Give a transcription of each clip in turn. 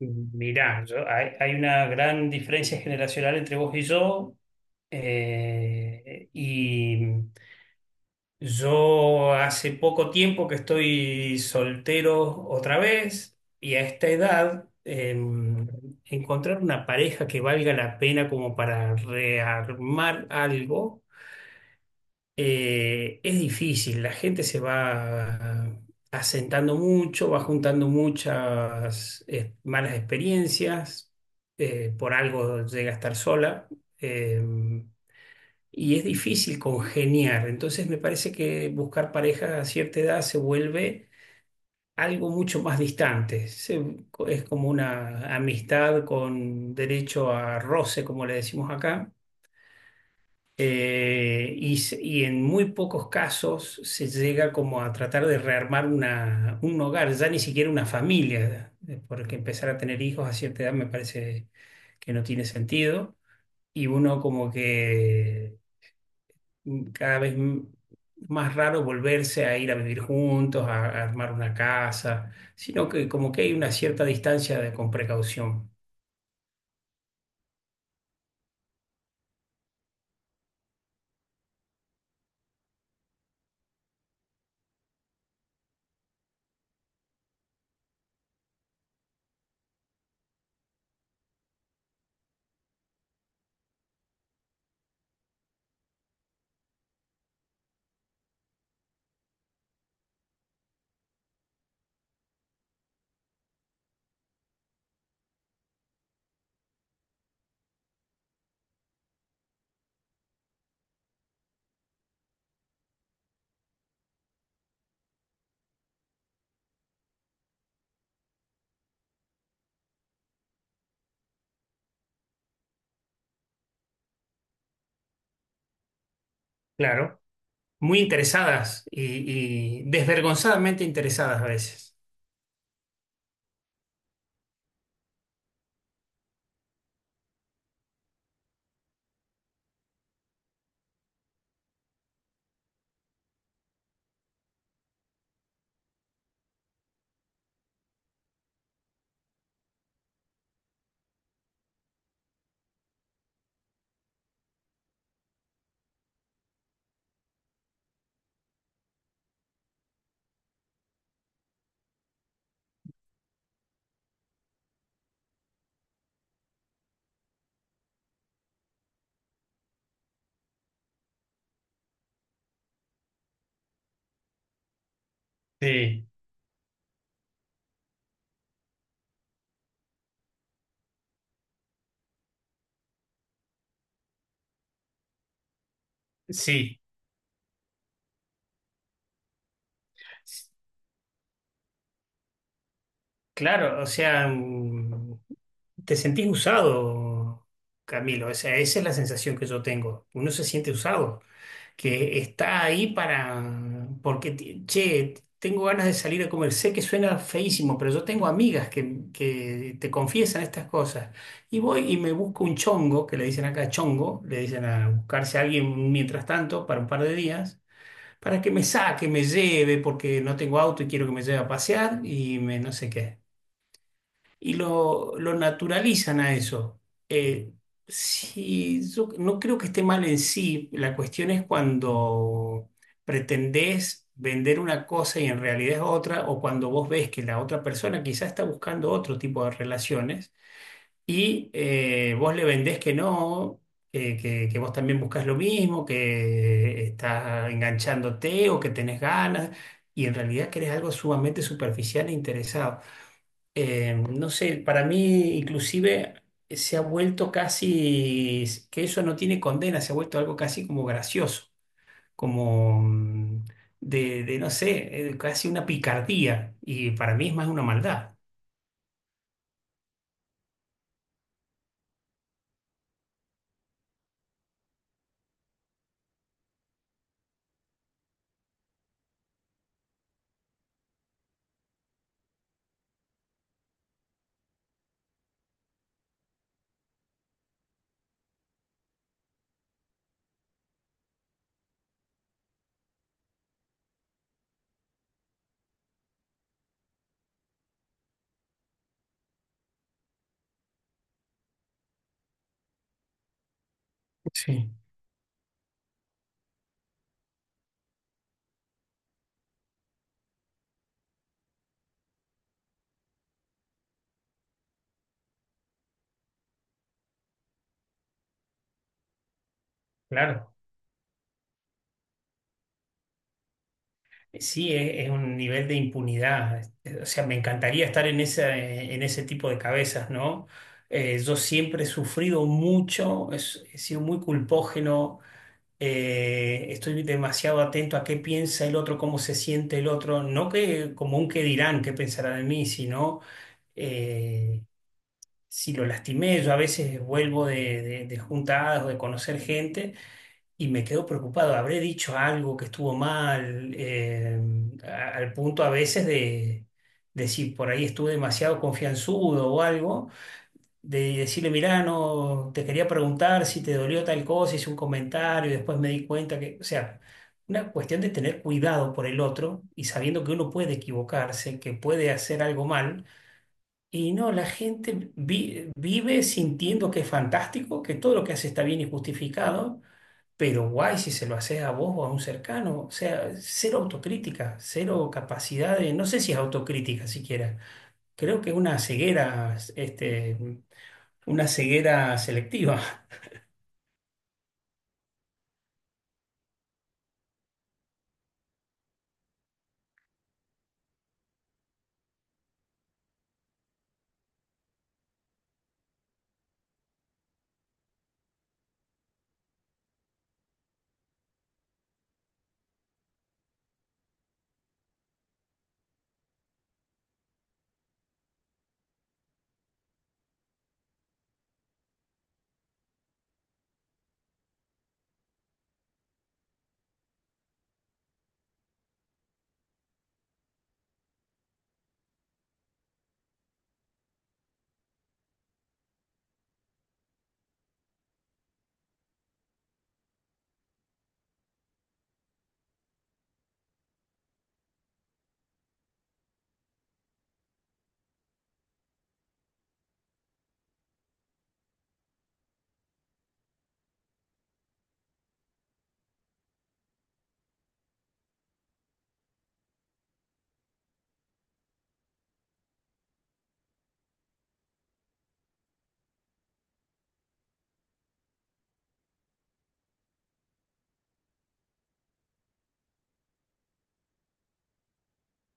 Mirá, hay una gran diferencia generacional entre vos y yo. Y yo hace poco tiempo que estoy soltero otra vez y a esta edad, encontrar una pareja que valga la pena como para rearmar algo. Es difícil, la gente se va asentando mucho, va juntando muchas malas experiencias, por algo llega a estar sola, eh, y es difícil congeniar. Entonces me parece que buscar pareja a cierta edad se vuelve algo mucho más distante. Es como una amistad con derecho a roce, como le decimos acá, y en muy pocos casos se llega como a tratar de rearmar un hogar, ya ni siquiera una familia, porque empezar a tener hijos a cierta edad me parece que no tiene sentido. Y uno como que cada vez más raro volverse a ir a vivir juntos, a armar una casa, sino que como que hay una cierta distancia con precaución. Claro, muy interesadas y desvergonzadamente interesadas a veces. Sí. Sí, claro, o sea, te sentís usado, Camilo, o sea, esa es la sensación que yo tengo. Uno se siente usado, que está ahí para, porque, che, tengo ganas de salir a comer. Sé que suena feísimo, pero yo tengo amigas que te confiesan estas cosas. Y voy y me busco un chongo, que le dicen acá chongo, le dicen a buscarse a alguien mientras tanto para un par de días. Para que me saque, me lleve, porque no tengo auto y quiero que me lleve a pasear y me no sé qué. Y lo naturalizan a eso. Eh, sí, yo no creo que esté mal en sí, la cuestión es cuando pretendés vender una cosa y en realidad es otra, o cuando vos ves que la otra persona quizás está buscando otro tipo de relaciones y, vos le vendés que no, que vos también buscas lo mismo, que estás enganchándote o que tenés ganas, y en realidad que eres algo sumamente superficial e interesado. No sé, para mí inclusive se ha vuelto casi, que eso no tiene condena, se ha vuelto algo casi como gracioso, como de, no sé, casi una picardía, y para mí es más una maldad. Sí, claro. Sí, es un nivel de impunidad. O sea, me encantaría estar en en ese tipo de cabezas, ¿no? Yo siempre he sufrido mucho, he sido muy culpógeno. Estoy demasiado atento a qué piensa el otro, cómo se siente el otro, no que como un qué dirán, qué pensará de mí, sino, eh, si lo lastimé. Yo a veces vuelvo de juntadas o de conocer gente y me quedo preocupado, habré dicho algo que estuvo mal. Al punto a veces de, si por ahí estuve demasiado confianzudo o algo, de decirle, mirá, no, te quería preguntar si te dolió tal cosa, hice un comentario y después me di cuenta que, o sea, una cuestión de tener cuidado por el otro y sabiendo que uno puede equivocarse, que puede hacer algo mal. Y no, la gente vive sintiendo que es fantástico, que todo lo que hace está bien y justificado, pero guay si se lo haces a vos o a un cercano. O sea, cero autocrítica, cero capacidad de. No sé si es autocrítica siquiera. Creo que es una ceguera, una ceguera selectiva.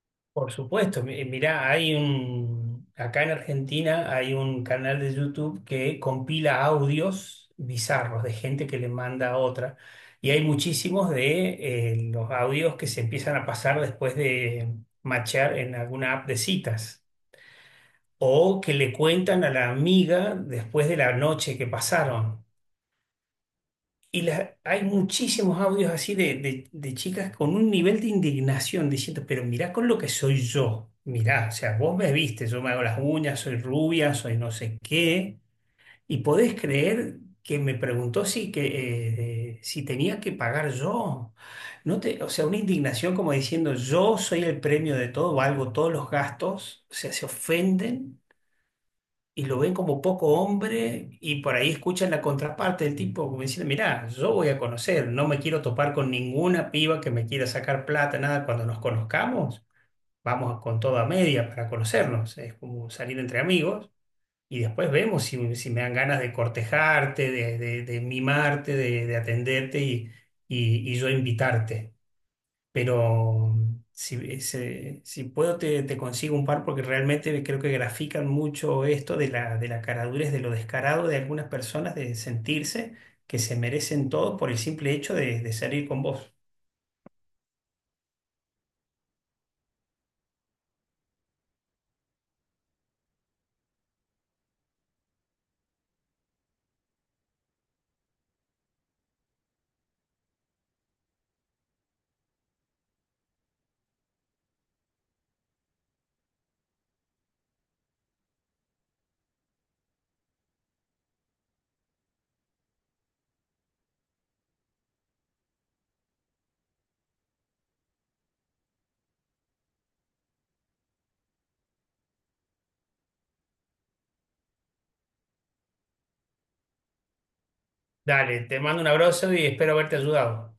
Por supuesto, mirá, acá en Argentina hay un canal de YouTube que compila audios bizarros de gente que le manda a otra. Y hay muchísimos de, los audios que se empiezan a pasar después de machear en alguna app de citas. O que le cuentan a la amiga después de la noche que pasaron. Y hay muchísimos audios así de chicas con un nivel de indignación diciendo, pero mirá con lo que soy yo, mirá, o sea, vos me viste, yo me hago las uñas, soy rubia, soy no sé qué, y podés creer que me preguntó si tenía que pagar yo. No o sea, una indignación como diciendo, yo soy el premio de todo, valgo todos los gastos, o sea, se ofenden y lo ven como poco hombre. Y por ahí escuchan la contraparte del tipo como diciendo, mirá, yo voy a conocer, no me quiero topar con ninguna piba que me quiera sacar plata, nada, cuando nos conozcamos, vamos con toda media para conocernos, es como salir entre amigos y después vemos si me dan ganas de cortejarte, de mimarte, de atenderte y, y yo invitarte. Pero si puedo te consigo un par, porque realmente creo que grafican mucho esto de la caradurez, de lo descarado de algunas personas, de sentirse que se merecen todo por el simple hecho de salir con vos. Dale, te mando un abrazo y espero haberte ayudado.